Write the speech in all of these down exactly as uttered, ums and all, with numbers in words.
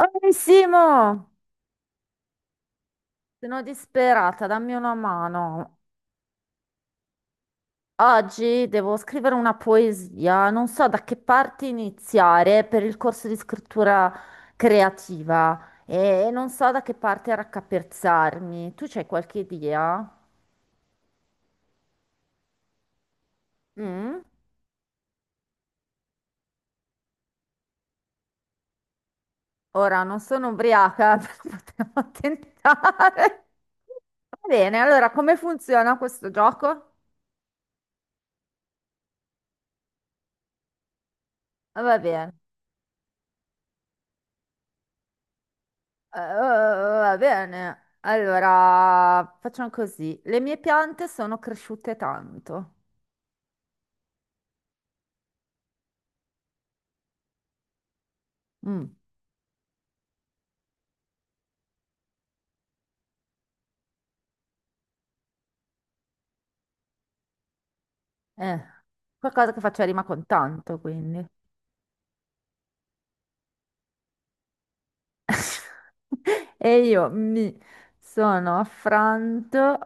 Oh, Simo, sono disperata, dammi una mano. Oggi devo scrivere una poesia, non so da che parte iniziare per il corso di scrittura creativa e non so da che parte raccapezzarmi. Tu c'hai qualche idea? Mm? Ora non sono ubriaca, però potremmo tentare. Va bene, allora come funziona questo gioco? Va bene. Eh, eh, eh, va bene. Allora, facciamo così. Le mie piante sono cresciute tanto. Mm, eh, qualcosa che faccia rima con tanto, quindi. E io mi sono affranto.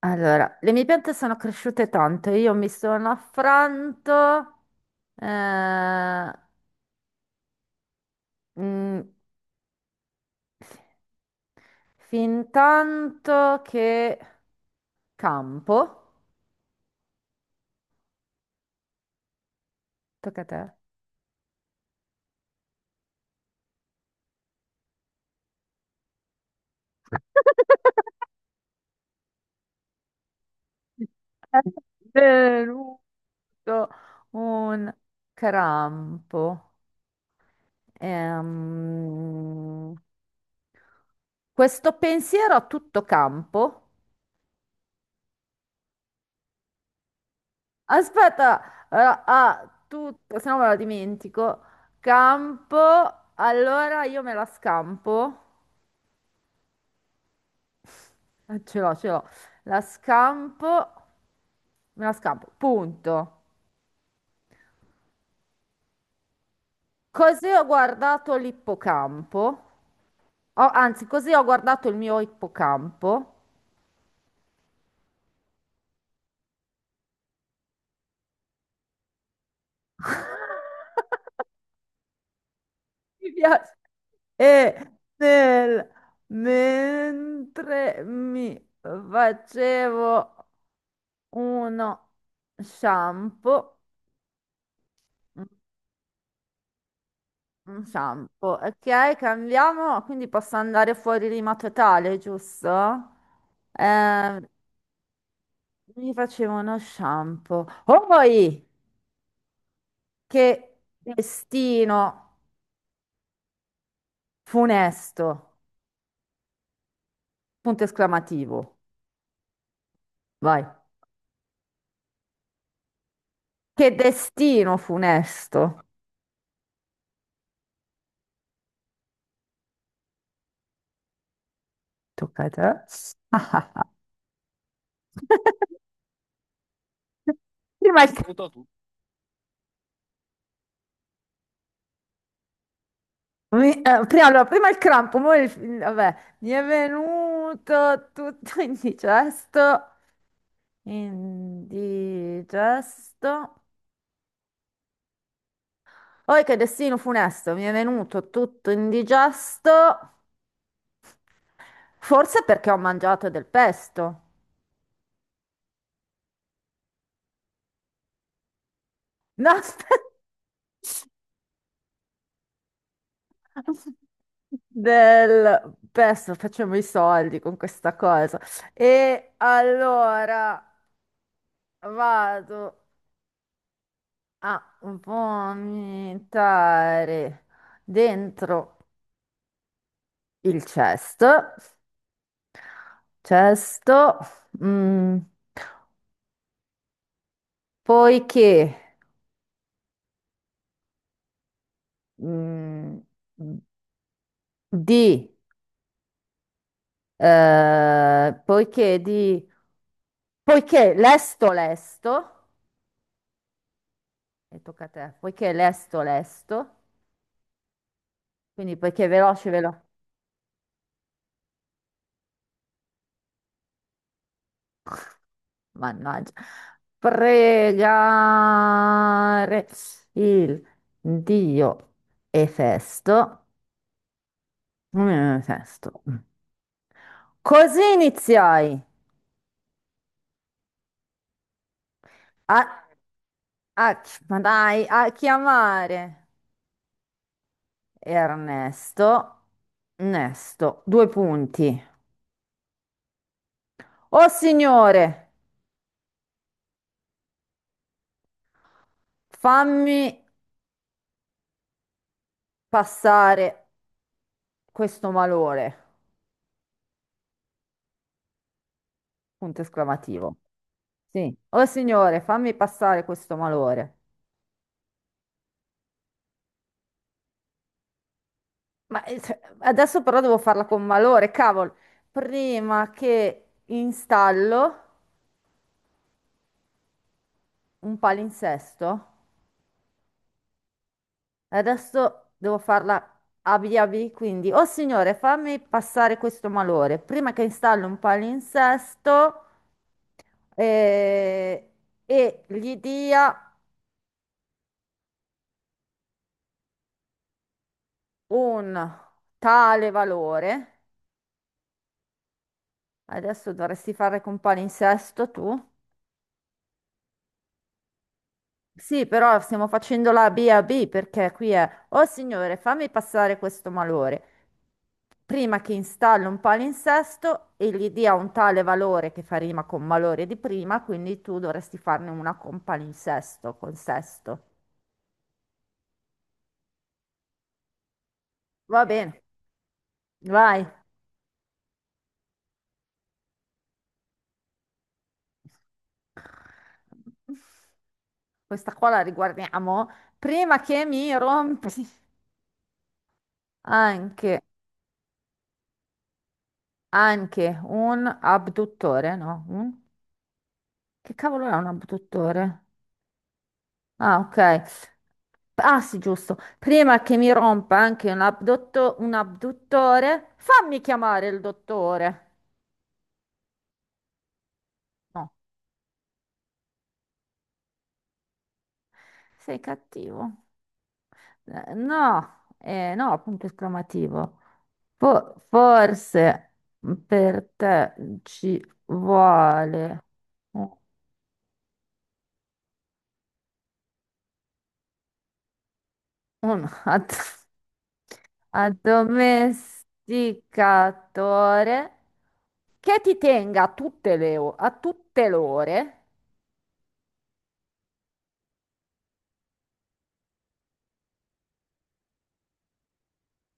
Allora, le mie piante sono cresciute tanto. Io mi sono affranto. eh, mm, Fin tanto che campo. Tocca a te. È venuto un crampo. Ehm, Questo pensiero a tutto campo. Aspetta, a, a tutto, se no me lo dimentico. Campo, allora io me la scampo. Eh, Ce l'ho, ce l'ho. La scampo, me la scampo. Punto. Così ho guardato l'ippocampo. Oh, anzi, così ho guardato il mio ippocampo. Mi piace. E nel- Mentre mi facevo uno shampoo, un shampoo, ok, cambiamo, quindi posso andare fuori rima totale, giusto? Eh, Mi facevo uno shampoo. Poi, che destino funesto, punto esclamativo, vai. Che destino funesto. Tocca a te. Ah, Prima il, mi- eh, prima, Allora, prima il crampo, mo il- il- vabbè, mi è venuto tutto indigesto, indigesto. Poi che destino funesto, mi è venuto tutto indigesto, forse perché ho mangiato del pesto. No, aspetta. Del pesto, facciamo i soldi con questa cosa. E allora vado a vomitare dentro il cesto, cesto, mm, poiché, mm, di, eh, poiché di, poiché lesto lesto, e tocca a te, poiché lesto lesto, quindi poiché veloce veloce, mannaggia, pregare il Dio e festo. Mm, Sesto. Così iniziai a, a- ma dai, a chiamare Ernesto. Ernesto, due punti. Oh signore, fammi passare questo malore. Punto esclamativo. Sì, oh signore, fammi passare questo malore. Ma eh, se- adesso però devo farla con malore, cavolo. Prima che installo un palinsesto. Adesso devo farla abi abi, quindi, oh signore, fammi passare questo malore prima che installi un palinsesto eh, e gli dia un tale valore. Adesso dovresti fare con palinsesto tu. Sì, però stiamo facendo la B a B perché qui è, oh signore, fammi passare questo malore. Prima che installo un palinsesto e gli dia un tale valore che fa rima con malore di prima, quindi tu dovresti farne una con palinsesto, con sesto. Va bene, vai. Questa qua la riguardiamo. Prima che mi rompi anche, anche un abduttore, no? Un- che cavolo è un abduttore? Ah, ok. Ah sì, giusto. Prima che mi rompa anche un abdotto- Un abduttore, fammi chiamare il dottore. No, sei cattivo. Eh, No, eh, no, punto esclamativo. Fo- forse per te ci vuole un un ad- addomesticatore che ti tenga a tutte le, o- a tutte le ore.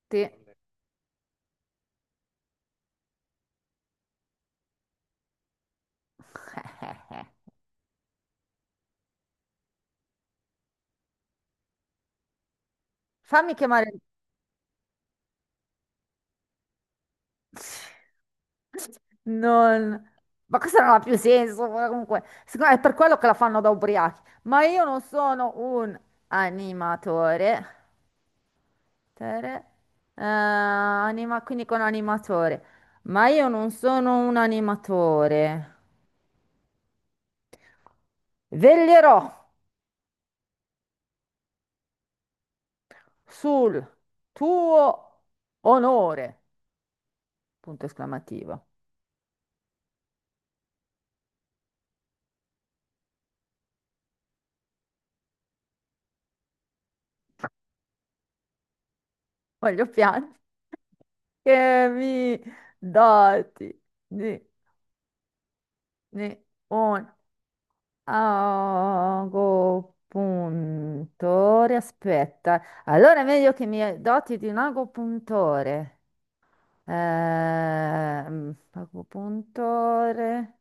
Ti- Fammi chiamare... Non... Ma questo non ha più senso, guarda, comunque. Secondo me è per quello che la fanno da ubriachi. Ma io non sono un animatore. Tere- eh, Anima, quindi con animatore. Ma io non sono un animatore. Veglierò sul tuo onore. Punto esclamativo. Voglio piangere. Che mi doti di Ne- Un agopuntore, aspetta. Allora è meglio che mi doti di un agopuntore. Ehm, Agopuntore,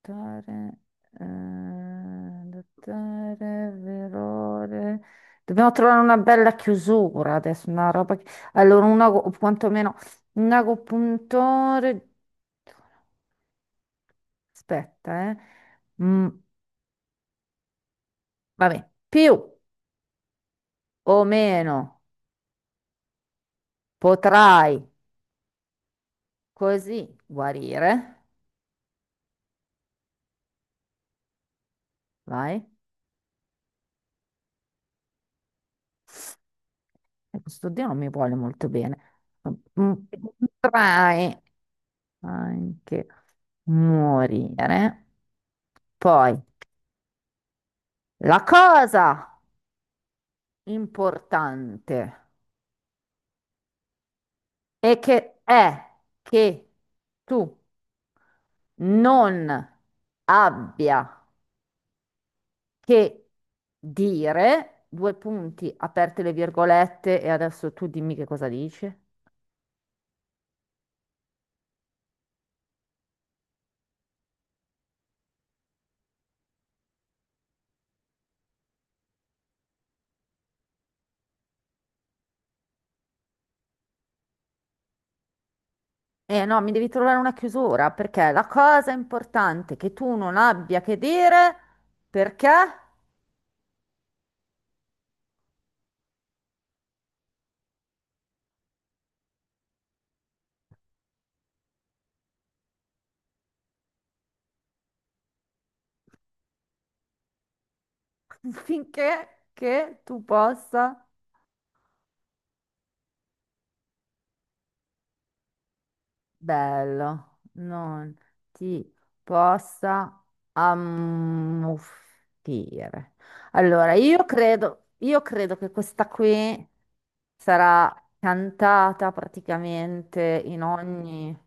dottore, eh, dottore, verore. Dobbiamo trovare una bella chiusura adesso, una roba che... Allora, un ago, o quantomeno un agopuntore. Aspetta, eh. Mm. Vabbè, più o meno potrai così guarire, vai, e questo Dio non mi vuole molto bene. Mm, potrai anche morire. Poi, la cosa importante è che, è che tu non abbia che dire, due punti, aperte le virgolette, e adesso tu dimmi che cosa dici. Eh no, mi devi trovare una chiusura, perché la cosa importante è che tu non abbia che dire, perché? Finché che tu possa, bello, non ti possa ammuffire. Allora, io credo, io credo che questa qui... sarà cantata praticamente in ogni,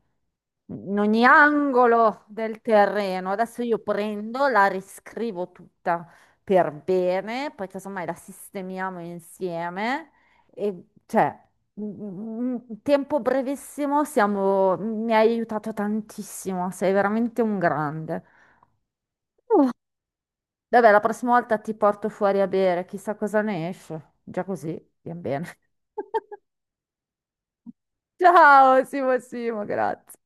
in ogni angolo del terreno. Adesso io prendo, la riscrivo tutta per bene, poi casomai la sistemiamo insieme e cioè. In tempo brevissimo siamo, mi hai aiutato tantissimo, sei veramente un grande. Vabbè, la prossima volta ti porto fuori a bere, chissà cosa ne esce. Già così, bien bene. Ciao Simo Simo, grazie.